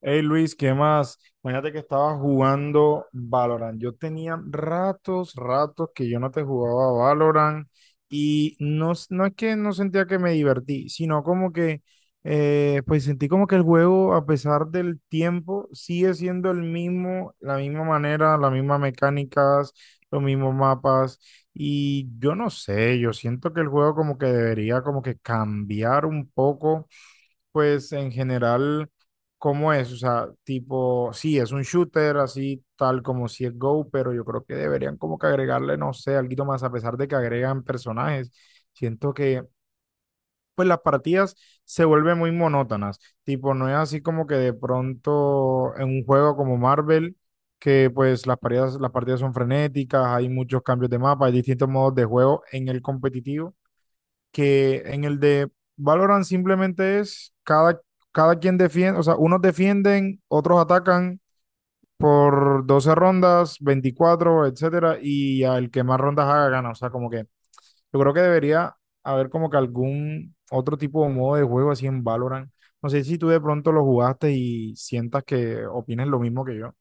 Hey Luis, ¿qué más? Imagínate que estaba jugando Valorant. Yo tenía ratos, ratos que yo no te jugaba Valorant. Y no, no es que no sentía que me divertí, sino como que pues sentí como que el juego, a pesar del tiempo, sigue siendo el mismo, la misma manera, las mismas mecánicas, los mismos mapas. Y yo no sé, yo siento que el juego como que debería como que cambiar un poco, pues en general. ¿Cómo es? O sea, tipo, sí, es un shooter así tal como si es Go, pero yo creo que deberían como que agregarle, no sé, algo más, a pesar de que agregan personajes. Siento que, pues, las partidas se vuelven muy monótonas. Tipo, no es así como que de pronto en un juego como Marvel, que pues las partidas son frenéticas, hay muchos cambios de mapa, hay distintos modos de juego en el competitivo, que en el de Valorant simplemente es cada quien defiende. O sea, unos defienden, otros atacan por 12 rondas, 24 etcétera, y al que más rondas haga gana. O sea, como que yo creo que debería haber como que algún otro tipo de modo de juego así en Valorant. No sé si tú de pronto lo jugaste y sientas que opines lo mismo que yo.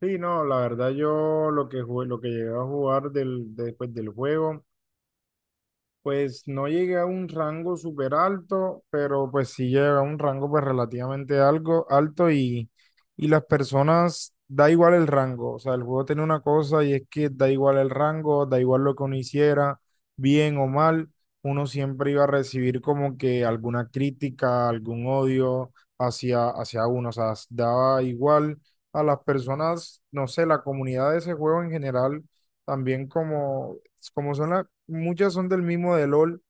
Sí, no, la verdad, yo lo que jugué, lo que llegué a jugar después del juego. Pues no llegué a un rango súper alto, pero pues sí llegué a un rango pues relativamente algo alto. Y las personas, da igual el rango. O sea, el juego tiene una cosa y es que da igual el rango, da igual lo que uno hiciera, bien o mal, uno siempre iba a recibir como que alguna crítica, algún odio hacia uno. O sea, daba igual a las personas, no sé, la comunidad de ese juego en general también como son muchas son del mismo de LOL,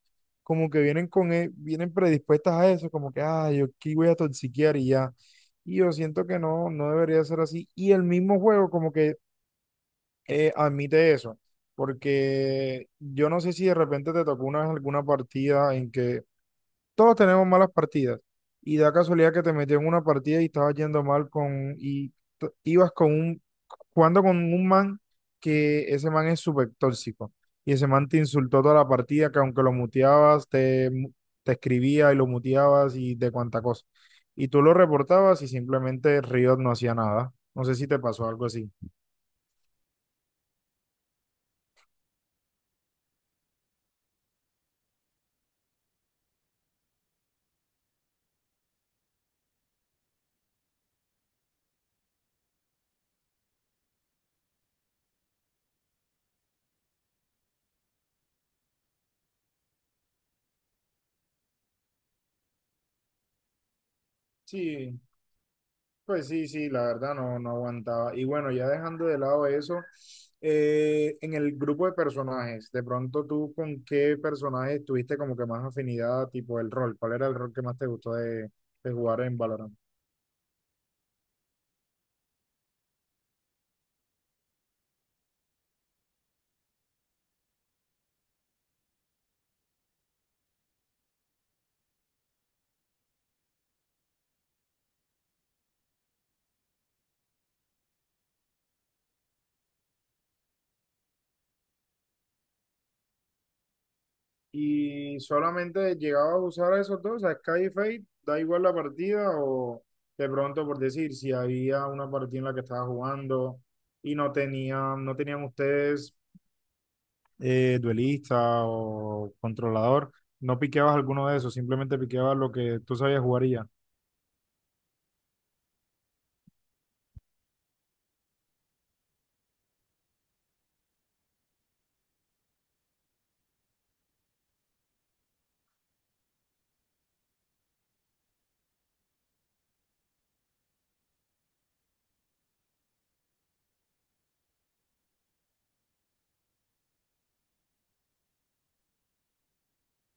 como que vienen vienen predispuestas a eso, como que, ah, yo aquí voy a toxiquear y ya. Y yo siento que no, no debería ser así. Y el mismo juego como que admite eso, porque yo no sé si de repente te tocó una vez alguna partida en que todos tenemos malas partidas y da casualidad que te metió en una partida y estabas yendo mal con y t- ibas con un jugando con un man, que ese man es súper tóxico y ese man te insultó toda la partida, que aunque lo muteabas te escribía y lo muteabas y de cuánta cosa, y tú lo reportabas y simplemente Riot no hacía nada. No sé si te pasó algo así. Sí, pues sí, sí, la verdad, no, no aguantaba. Y bueno, ya dejando de lado eso, en el grupo de personajes, de pronto tú con qué personaje tuviste como que más afinidad, tipo el rol, ¿cuál era el rol que más te gustó de jugar en Valorant? Y solamente llegaba a usar a esos dos, a Sky y Fate, da igual la partida o de pronto por decir, si había una partida en la que estaba jugando y no tenían ustedes duelista o controlador, no piqueabas alguno de esos, simplemente piqueabas lo que tú sabías jugar y ya.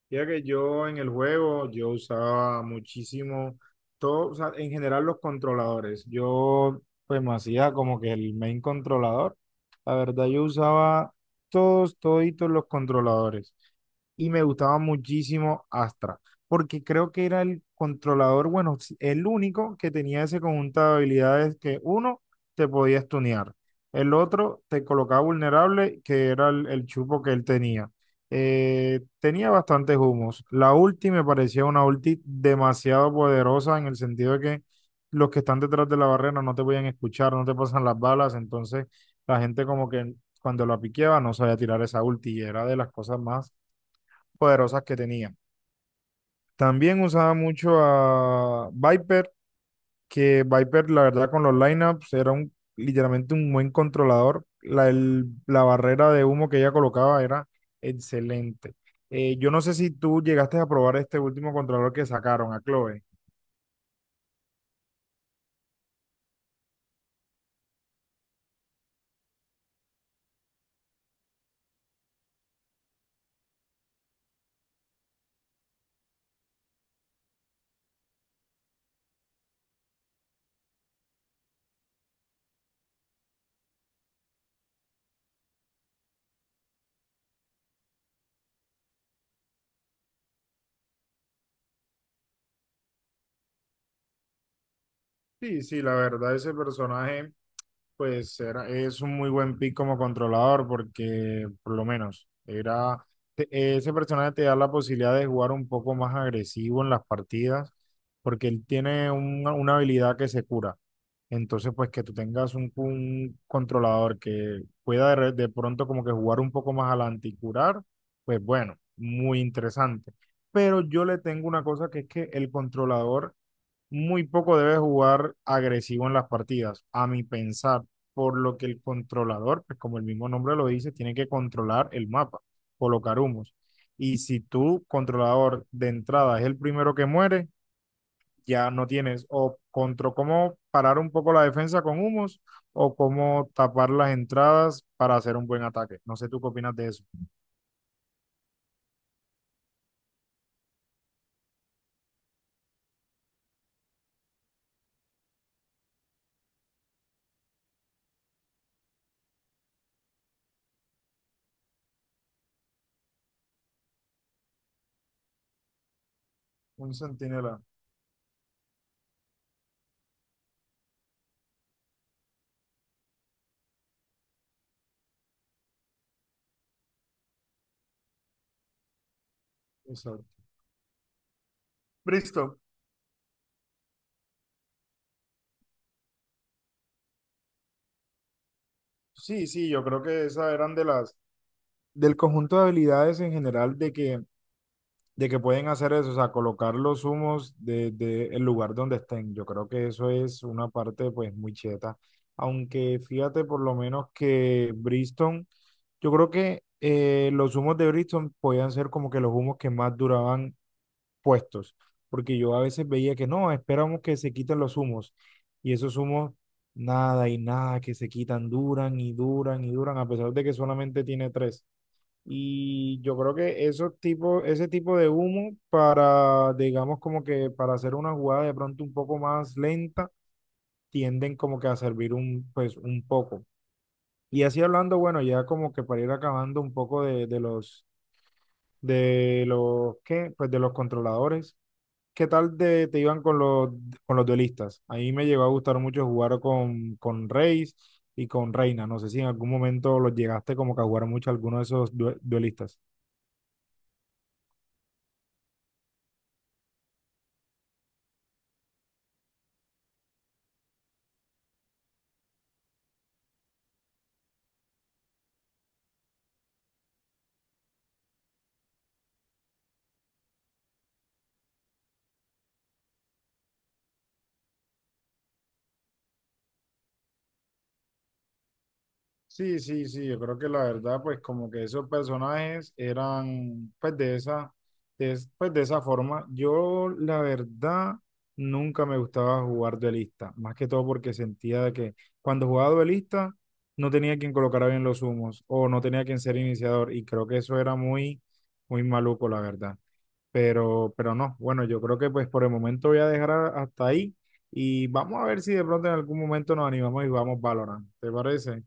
Ya que yo en el juego, yo usaba muchísimo, todo, o sea, en general los controladores. Yo pues me hacía como que el main controlador. La verdad, yo usaba todos, toditos los controladores. Y me gustaba muchísimo Astra, porque creo que era el controlador, bueno, el único que tenía ese conjunto de habilidades, que uno te podía stunear, el otro te colocaba vulnerable, que era el chupo que él tenía. Tenía bastantes humos. La ulti me parecía una ulti demasiado poderosa en el sentido de que los que están detrás de la barrera no te podían escuchar, no te pasan las balas. Entonces la gente como que cuando la piqueaba no sabía tirar esa ulti, y era de las cosas más poderosas que tenía. También usaba mucho a Viper, que Viper, la verdad, con los lineups era un, literalmente, un buen controlador. La barrera de humo que ella colocaba era excelente. Yo no sé si tú llegaste a probar este último controlador que sacaron, a Chloe. Sí, sí, la verdad, ese personaje, pues, era, es un muy buen pick como controlador, porque por lo menos te- ese personaje te da la posibilidad de jugar un poco más agresivo en las partidas, porque él tiene una habilidad que se cura. Entonces, pues, que tú tengas un controlador que pueda de pronto como que jugar un poco más adelante y curar, pues bueno, muy interesante. Pero yo le tengo una cosa, que es que el controlador muy poco debe jugar agresivo en las partidas, a mi pensar, por lo que el controlador, pues como el mismo nombre lo dice, tiene que controlar el mapa, colocar humos. Y si tu controlador de entrada es el primero que muere, ya no tienes o contra cómo parar un poco la defensa con humos, o cómo tapar las entradas para hacer un buen ataque. No sé tú qué opinas de eso. Un centinela, exacto. Bristo, sí, sí, yo creo que esas eran de las, del conjunto de habilidades en general, de que pueden hacer eso, o sea, colocar los humos desde el lugar donde estén. Yo creo que eso es una parte pues muy cheta. Aunque fíjate por lo menos que Bristol, yo creo que los humos de Bristol podían ser como que los humos que más duraban puestos, porque yo a veces veía que no, esperamos que se quiten los humos, y esos humos nada y nada que se quitan, duran y duran y duran, a pesar de que solamente tiene tres. Y yo creo que esos tipos, ese tipo de humo, para, digamos, como que para hacer una jugada de pronto un poco más lenta, tienden como que a servir un, pues, un poco. Y así hablando, bueno, ya como que para ir acabando un poco de los, ¿qué? Pues de los controladores. ¿Qué tal te iban con los duelistas? A mí me llegó a gustar mucho jugar con Reis y con Reina. No sé si en algún momento los llegaste como que a jugar mucho a alguno de esos duelistas. Sí, sí, sí, yo creo que la verdad, pues como que esos personajes eran, pues, de esa, pues de esa forma. Yo, la verdad, nunca me gustaba jugar duelista, más que todo porque sentía de que cuando jugaba duelista no tenía quien colocara bien los humos, o no tenía quien ser iniciador, y creo que eso era muy, muy maluco, la verdad. Pero no, bueno, yo creo que pues por el momento voy a dejar hasta ahí, y vamos a ver si de pronto en algún momento nos animamos y jugamos Valorant, ¿te parece?